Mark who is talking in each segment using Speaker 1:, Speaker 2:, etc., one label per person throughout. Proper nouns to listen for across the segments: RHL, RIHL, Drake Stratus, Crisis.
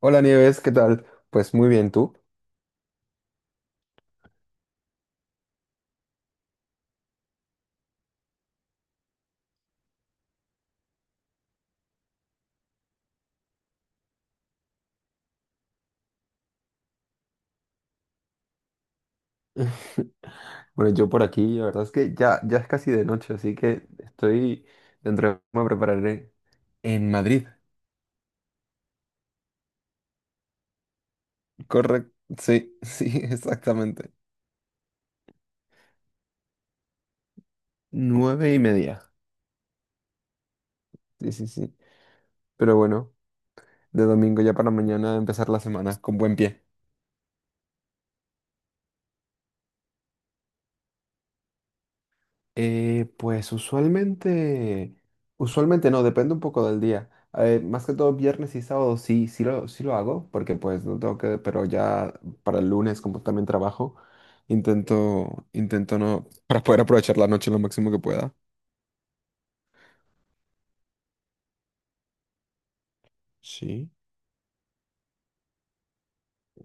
Speaker 1: Hola Nieves, ¿qué tal? Pues muy bien, ¿tú? Bueno, yo por aquí, la verdad es que ya es casi de noche, así que estoy dentro de poco me prepararé en Madrid. Correcto, sí, sí, exactamente. 9:30. Sí, sí, sí. Pero bueno, de domingo ya para mañana empezar la semana con buen pie. Pues usualmente no, depende un poco del día. Más que todo viernes y sábado sí, sí lo hago, porque pues no tengo que, pero ya para el lunes como también trabajo, intento no, para poder aprovechar la noche lo máximo que pueda. Sí.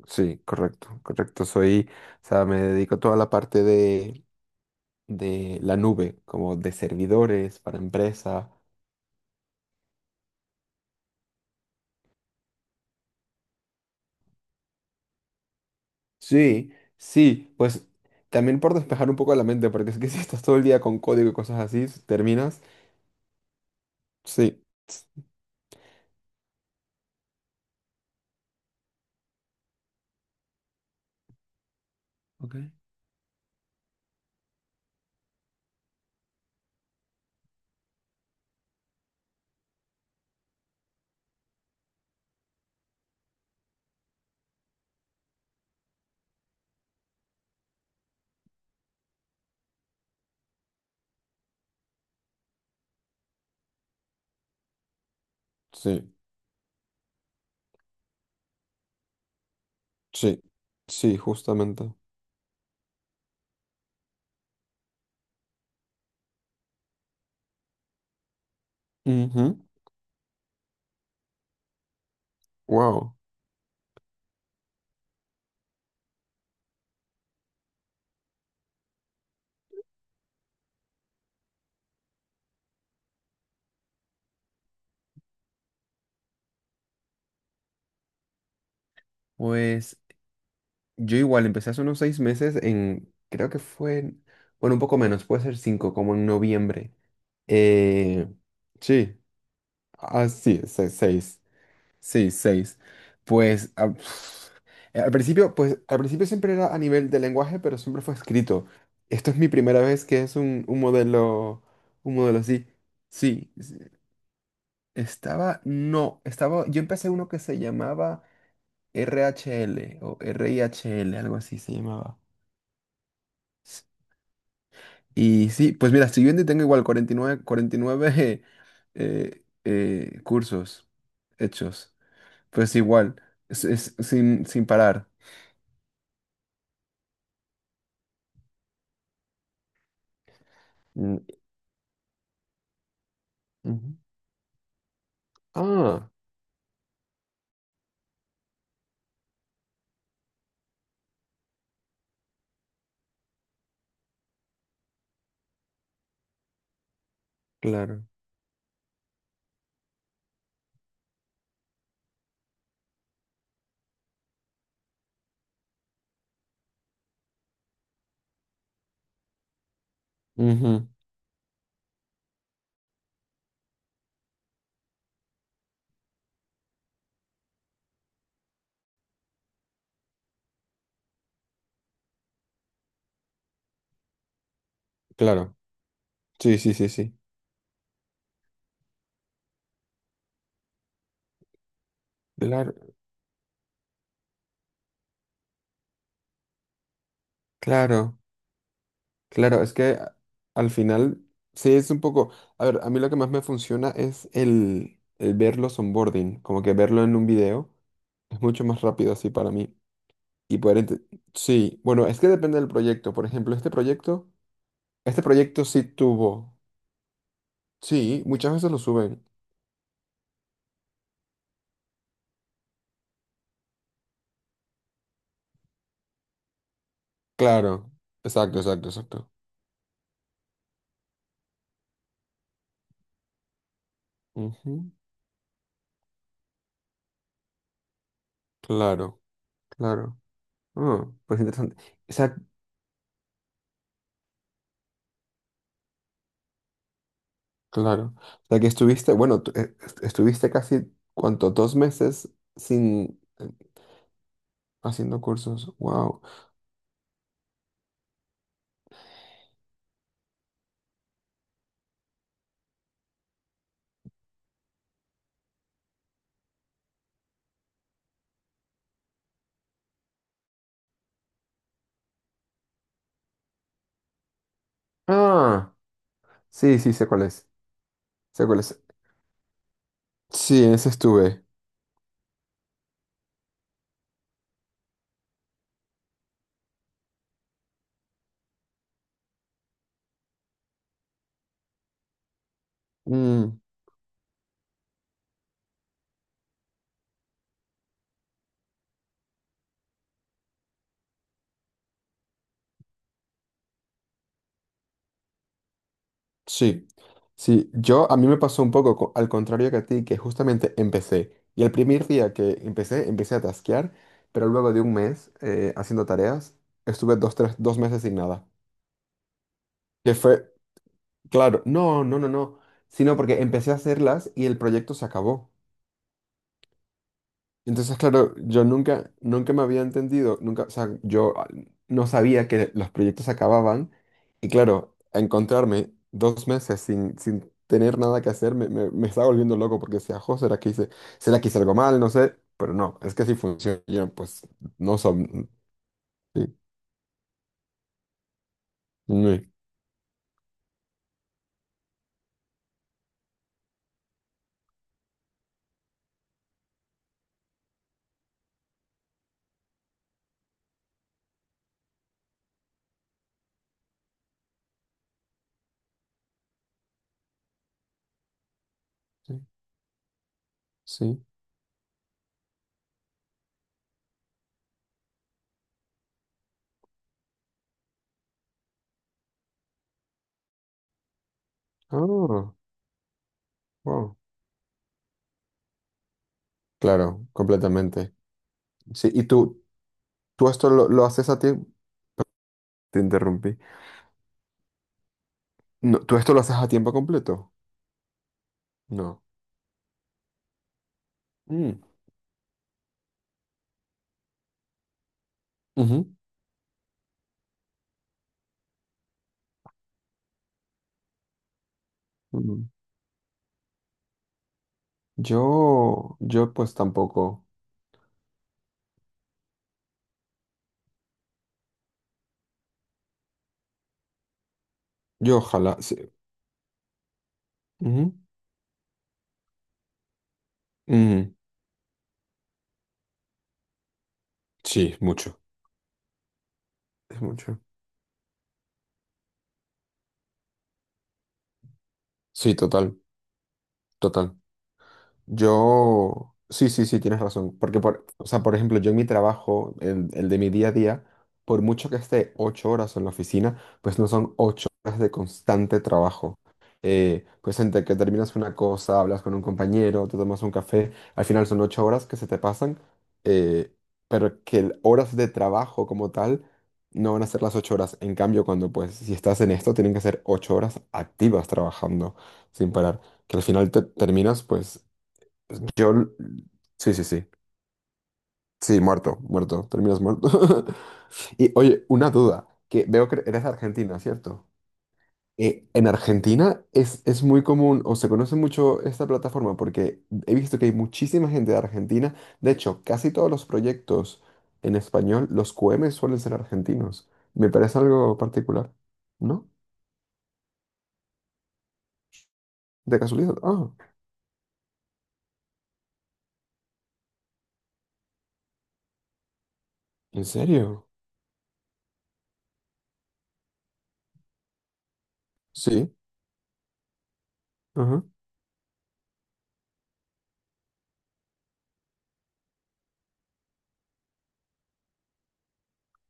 Speaker 1: Sí, correcto, correcto. Soy, o sea, me dedico a toda la parte de, la nube, como de servidores para empresa. Sí, sí, pues también por despejar un poco la mente, porque es que si estás todo el día con código y cosas así, terminas. Sí. Ok. Sí, sí, sí, justamente. Wow. Pues yo igual empecé hace unos 6 meses en, creo que fue, bueno, un poco menos, puede ser cinco, como en noviembre. Eh, sí, así, seis. Sí, seis. Pues al principio siempre era a nivel de lenguaje, pero siempre fue escrito. Esto es mi primera vez que es un modelo así. Sí, sí. Estaba, no, estaba, yo empecé uno que se llamaba RHL o RIHL, algo así se llamaba. S- Y sí, pues mira, estoy viendo y tengo igual 49, 49 cursos hechos. Pues igual, es sin parar. Ujú. Ah, claro. Ujú. Claro. Sí, sí, sí, sí. Claro, claro, claro. Es que al final, sí, es un poco. A ver, a mí lo que más me funciona es el ver los onboarding, como que verlo en un video. Es mucho más rápido así para mí. Y poder. Sí, bueno, es que depende del proyecto. Por ejemplo, este proyecto sí tuvo. Sí, muchas veces lo suben. Claro. Exacto, exacto, exacto. Ujú. Claro, claro. Ah, pues interesante. O sea, claro. O sea, que estuviste, bueno, tú, estuviste casi, ¿cuánto? 2 meses sin haciendo cursos. Wow. Ah, sí, sí, sé cuál es. Sé cuál es. Sí, en ese estuve. Mm, sí. Sí, yo a mí me pasó un poco al contrario que a ti, que justamente empecé. Y el primer día que empecé, empecé a tasquear, pero luego de un mes haciendo tareas, estuve dos, tres, 2 meses sin nada. Que fue. Claro, no, no, no, no, sino porque empecé a hacerlas y el proyecto se acabó. Entonces, claro, yo nunca me había entendido, nunca, o sea, yo no sabía que los proyectos se acababan y claro, encontrarme 2 meses sin, sin tener nada que hacer me estaba volviendo loco porque decía, jo, ¿ será que hice algo mal? No sé, pero no, es que así funciona, yo, pues no son, sí, sí, sí, sí. Ah, wow, claro, completamente. Sí, ¿y tú esto lo haces a ti? Te interrumpí. No, ¿tú esto lo haces a tiempo completo? No. Mm, ujú, ujú. Yo pues tampoco. Yo ojalá. Sí. Ujú. Mm, sí, mucho. Es mucho. Sí, total, total. Yo, sí, sí, sí, tienes razón. Porque, o sea, por ejemplo, yo en mi trabajo, el de mi día a día, por mucho que esté 8 horas en la oficina, pues no son 8 horas de constante trabajo. Pues entre que terminas una cosa, hablas con un compañero, te tomas un café, al final son 8 horas que se te pasan, eh, pero que horas de trabajo como tal no van a ser las 8 horas. En cambio, cuando pues si estás en esto, tienen que ser 8 horas activas trabajando sin parar que al final te terminas pues yo, sí, sí, sí. Sí, muerto, muerto. Terminas muerto. Y oye, una duda, que veo que eres de Argentina, ¿cierto? En Argentina es muy común o se conoce mucho esta plataforma porque he visto que hay muchísima gente de Argentina. De hecho, casi todos los proyectos en español, los QM suelen ser argentinos. Me parece algo particular, ¿no? De casualidad. Ah, ¿en serio? Sí. Ajá.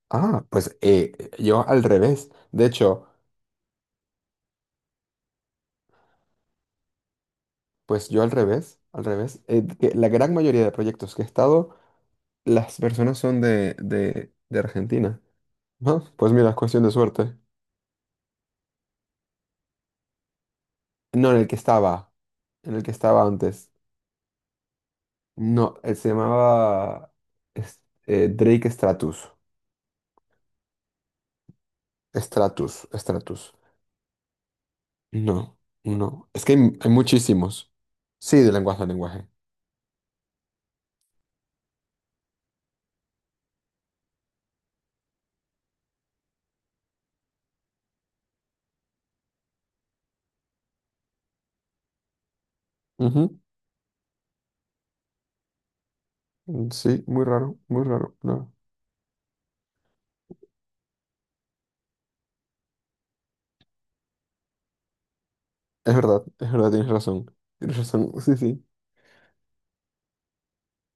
Speaker 1: Ah, pues yo al revés. De hecho, pues yo al revés, al revés. Que la gran mayoría de proyectos que he estado, las personas son de, de Argentina. Ah, pues mira, es cuestión de suerte. No, en el que estaba, antes. No, él se llamaba Drake Stratus. Stratus, Stratus. No, no. Es que hay muchísimos. Sí, de lenguaje a lenguaje. Ujú. Sí, muy raro, muy raro. No. Es verdad, tienes razón. Tienes razón, sí, sí.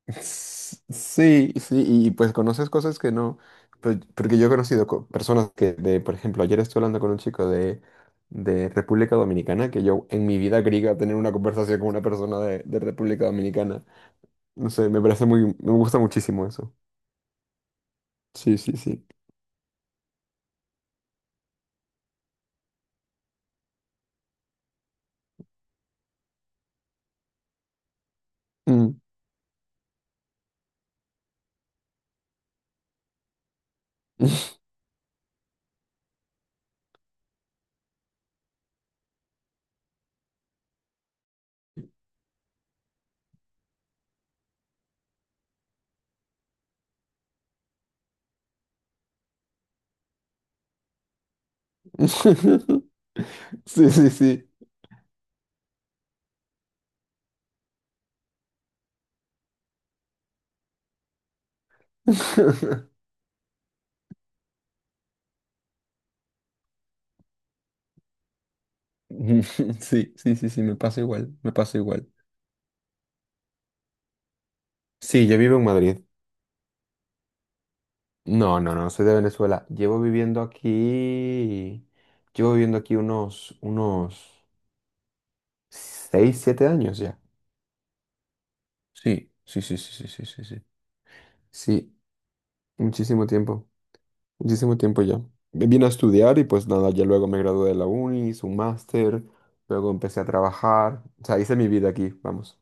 Speaker 1: Sí, sí, y pues conoces cosas que no, pues, porque yo he conocido personas que, de, por ejemplo, ayer estuve hablando con un chico de, República Dominicana, que yo en mi vida creí que iba a tener una conversación con una persona de República Dominicana. No sé, me parece muy, me gusta muchísimo eso. Sí, sí, sí. Mm. Sí, sí, sí. Sí, sí, sí, sí, me pasa igual, me pasa igual. Sí, yo vivo en Madrid. No, no, no, soy de Venezuela. Llevo viviendo aquí unos 6, 7 años ya. Sí, sí, sí, sí, sí, sí, sí, sí. Sí, muchísimo tiempo, muchísimo tiempo ya. Me vine a estudiar y pues nada, ya luego me gradué de la uni, hice un máster, luego empecé a trabajar, o sea, hice mi vida aquí, vamos.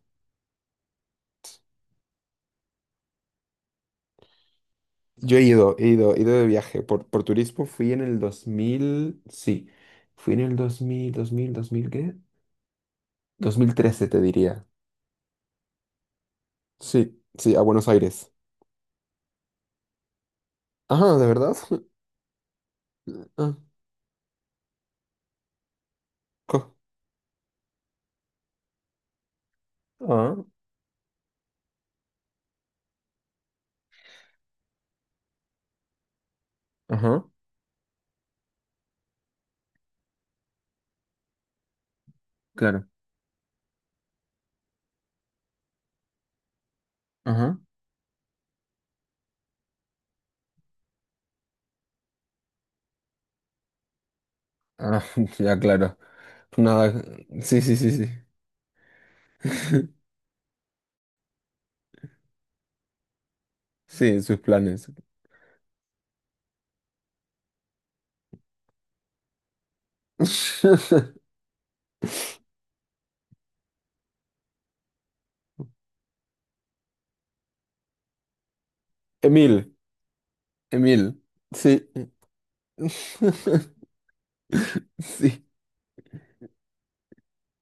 Speaker 1: Yo he ido de viaje por turismo, fui en el 2000, sí, fui en el dos dos mil, dos mil, dos mil, ¿qué? 2013 te diría. Sí, sí, a Buenos Aires. Ajá, ¿de verdad? Ah, co- Ah, ajá, claro. Ajá. Ah, ya, claro. Nada. Sí, sí, sí, sí. Sí, sus planes. Emil, Emil. Sí. Sí,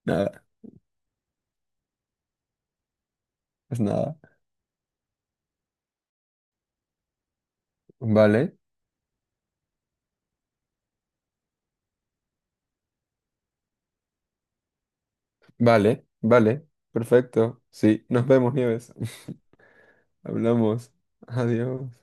Speaker 1: nada, es nada. Vale, vale, vale. Perfecto. Sí, nos vemos, Nieves. Hablamos. Adiós.